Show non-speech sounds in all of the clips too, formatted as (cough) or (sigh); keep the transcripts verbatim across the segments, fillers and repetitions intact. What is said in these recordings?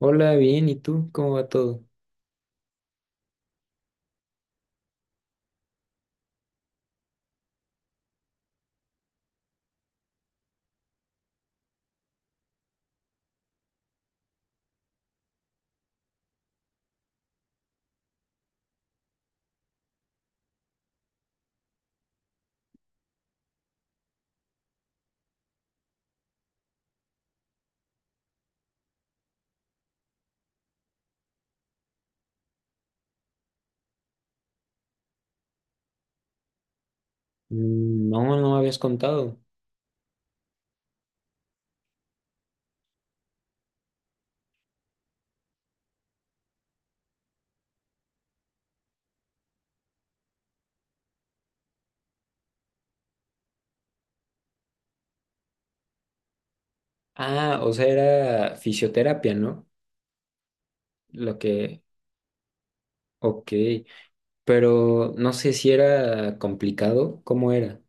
Hola, bien, ¿y tú? ¿Cómo va todo? Mm, no, no me habías contado. Ah, o sea, era fisioterapia, ¿no? Lo que... Ok, pero no sé si era complicado, ¿cómo era?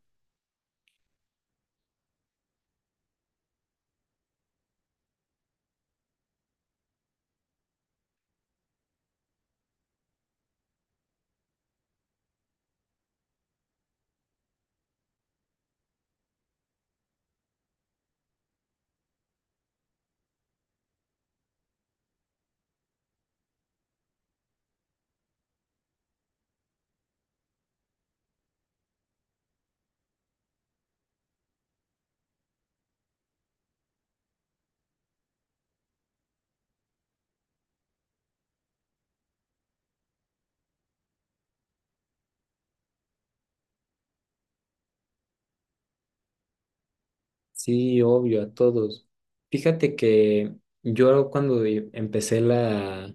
Sí, obvio, a todos. Fíjate que yo cuando e- empecé la,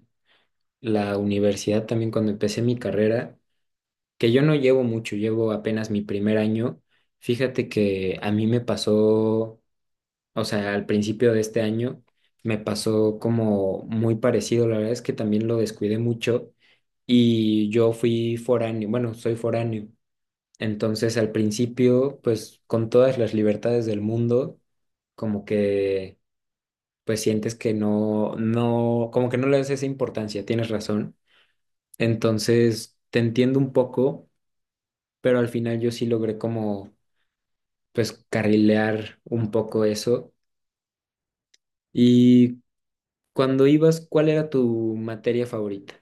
la universidad, también cuando empecé mi carrera, que yo no llevo mucho, llevo apenas mi primer año, fíjate que a mí me pasó... O sea, al principio de este año me pasó como muy parecido, la verdad es que también lo descuidé mucho y yo fui foráneo, bueno, soy foráneo, entonces al principio, pues con todas las libertades del mundo, como que, pues sientes que no, no, como que no le das esa importancia, tienes razón, entonces te entiendo un poco, pero al final yo sí logré como, pues carrilear un poco eso. Y cuando ibas, ¿cuál era tu materia favorita?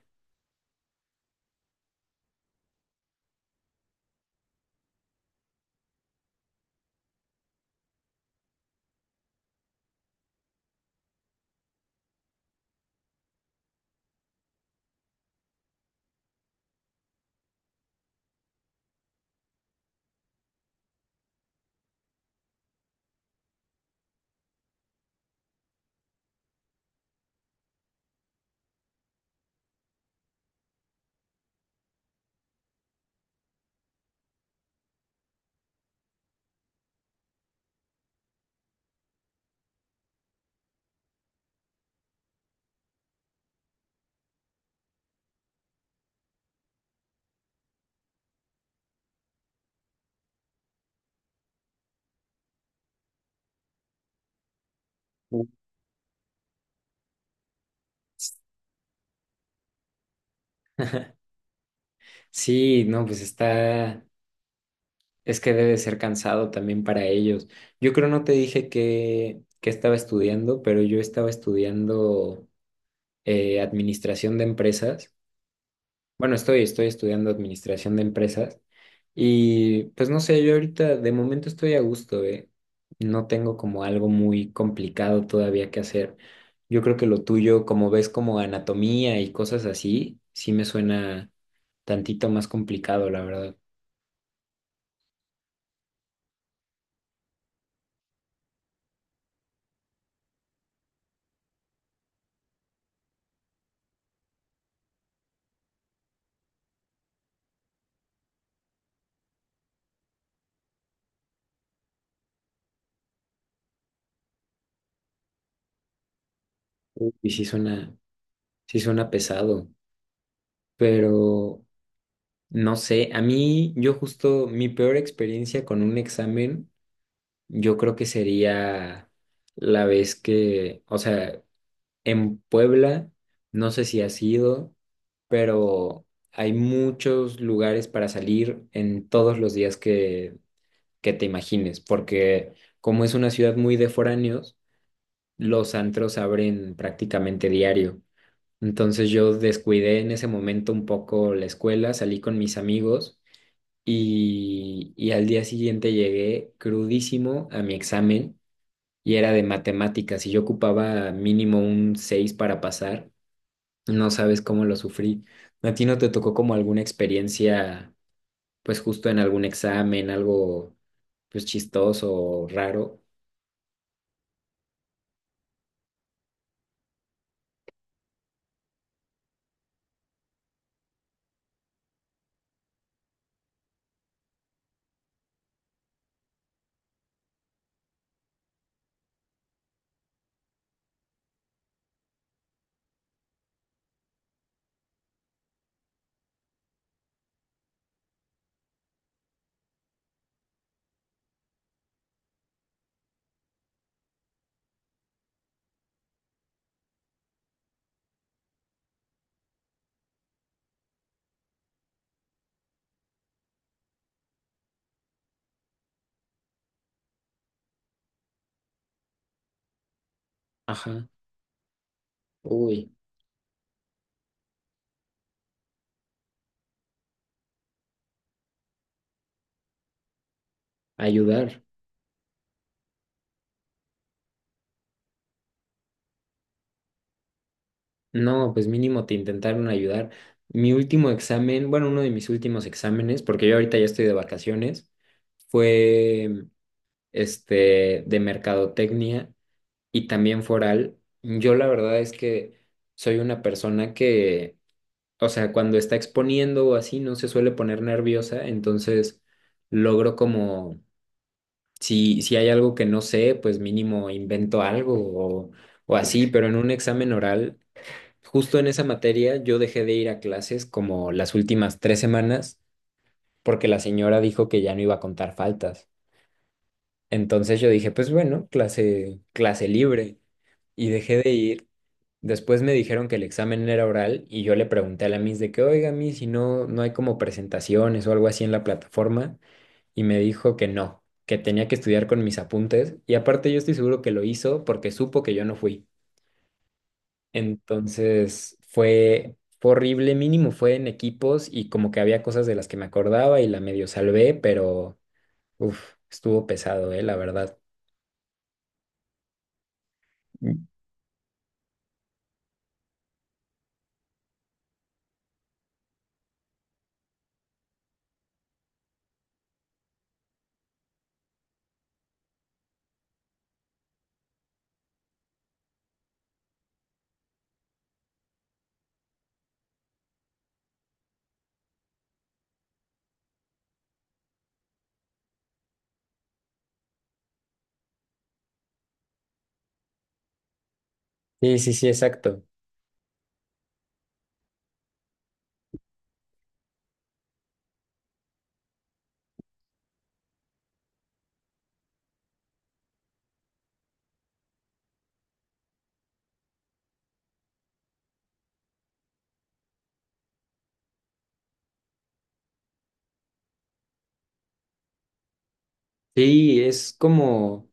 Uh. (laughs) Sí, no, pues está, es que debe ser cansado también para ellos. Yo creo no te dije que, que estaba estudiando, pero yo estaba estudiando eh, administración de empresas. Bueno, estoy, estoy estudiando administración de empresas y pues no sé, yo ahorita de momento estoy a gusto, ¿eh? No tengo como algo muy complicado todavía que hacer. Yo creo que lo tuyo, como ves como anatomía y cosas así, sí me suena tantito más complicado, la verdad. Y sí suena, sí suena pesado, pero no sé, a mí yo justo mi peor experiencia con un examen, yo creo que sería la vez que, o sea, en Puebla, no sé si has ido, pero hay muchos lugares para salir en todos los días que, que te imagines, porque como es una ciudad muy de foráneos, los antros abren prácticamente diario. Entonces yo descuidé en ese momento un poco la escuela, salí con mis amigos y, y al día siguiente llegué crudísimo a mi examen y era de matemáticas y yo ocupaba mínimo un seis para pasar. No sabes cómo lo sufrí. ¿A ti no te tocó como alguna experiencia, pues justo en algún examen, algo pues chistoso o raro? Ajá. Uy, ayudar. No, pues mínimo te intentaron ayudar. Mi último examen, bueno, uno de mis últimos exámenes, porque yo ahorita ya estoy de vacaciones, fue este de mercadotecnia y también foral. Yo la verdad es que soy una persona que, o sea, cuando está exponiendo o así, no se suele poner nerviosa, entonces logro como, si, si hay algo que no sé, pues mínimo invento algo o, o así, pero en un examen oral, justo en esa materia, yo dejé de ir a clases como las últimas tres semanas porque la señora dijo que ya no iba a contar faltas. Entonces yo dije, pues bueno, clase, clase libre. Y dejé de ir. Después me dijeron que el examen era oral y yo le pregunté a la Miss de que, oiga, Miss, si no, no hay como presentaciones o algo así en la plataforma. Y me dijo que no, que tenía que estudiar con mis apuntes. Y aparte yo estoy seguro que lo hizo porque supo que yo no fui. Entonces fue fue horrible, mínimo fue en equipos y como que había cosas de las que me acordaba y la medio salvé, pero uf, estuvo pesado, eh, la verdad. Sí, sí, sí, exacto. Sí, es como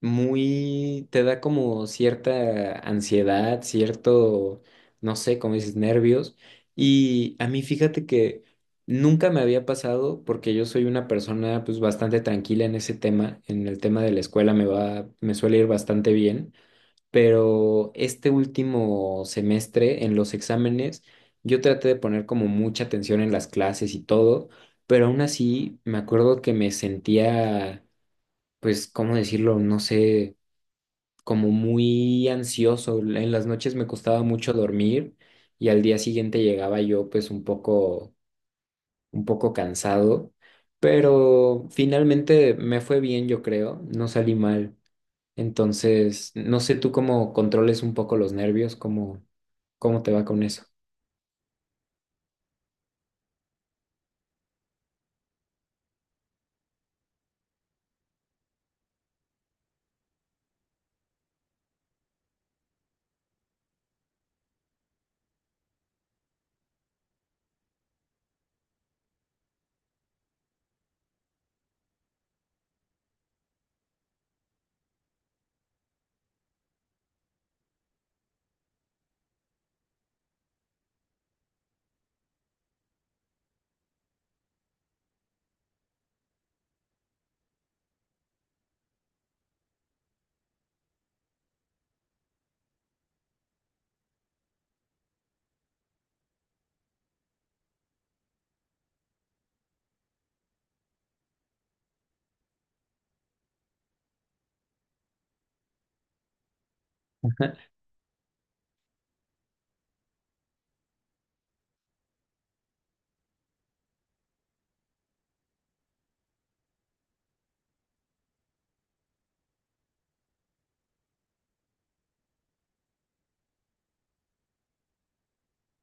muy, te da como cierta ansiedad, cierto, no sé, como dices, nervios. Y a mí fíjate que nunca me había pasado porque yo soy una persona pues bastante tranquila en ese tema, en el tema de la escuela me va, me suele ir bastante bien. Pero este último semestre en los exámenes yo traté de poner como mucha atención en las clases y todo, pero aún así me acuerdo que me sentía, pues, ¿cómo decirlo? No sé, como muy ansioso. En las noches me costaba mucho dormir y al día siguiente llegaba yo pues un poco, un poco cansado, pero finalmente me fue bien, yo creo, no salí mal. Entonces, no sé tú cómo controles un poco los nervios, cómo, cómo te va con eso.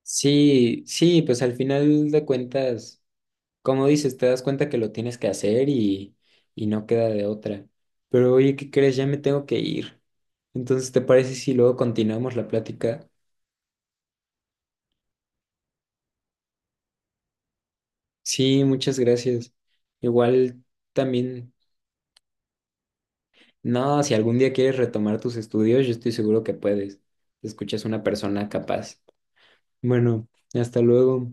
Sí, sí, pues al final de cuentas, como dices, te das cuenta que lo tienes que hacer y, y no queda de otra. Pero oye, ¿qué crees? Ya me tengo que ir. Entonces, ¿te parece si luego continuamos la plática? Sí, muchas gracias. Igual también, no, si algún día quieres retomar tus estudios, yo estoy seguro que puedes. Te escuchas una persona capaz. Bueno, hasta luego.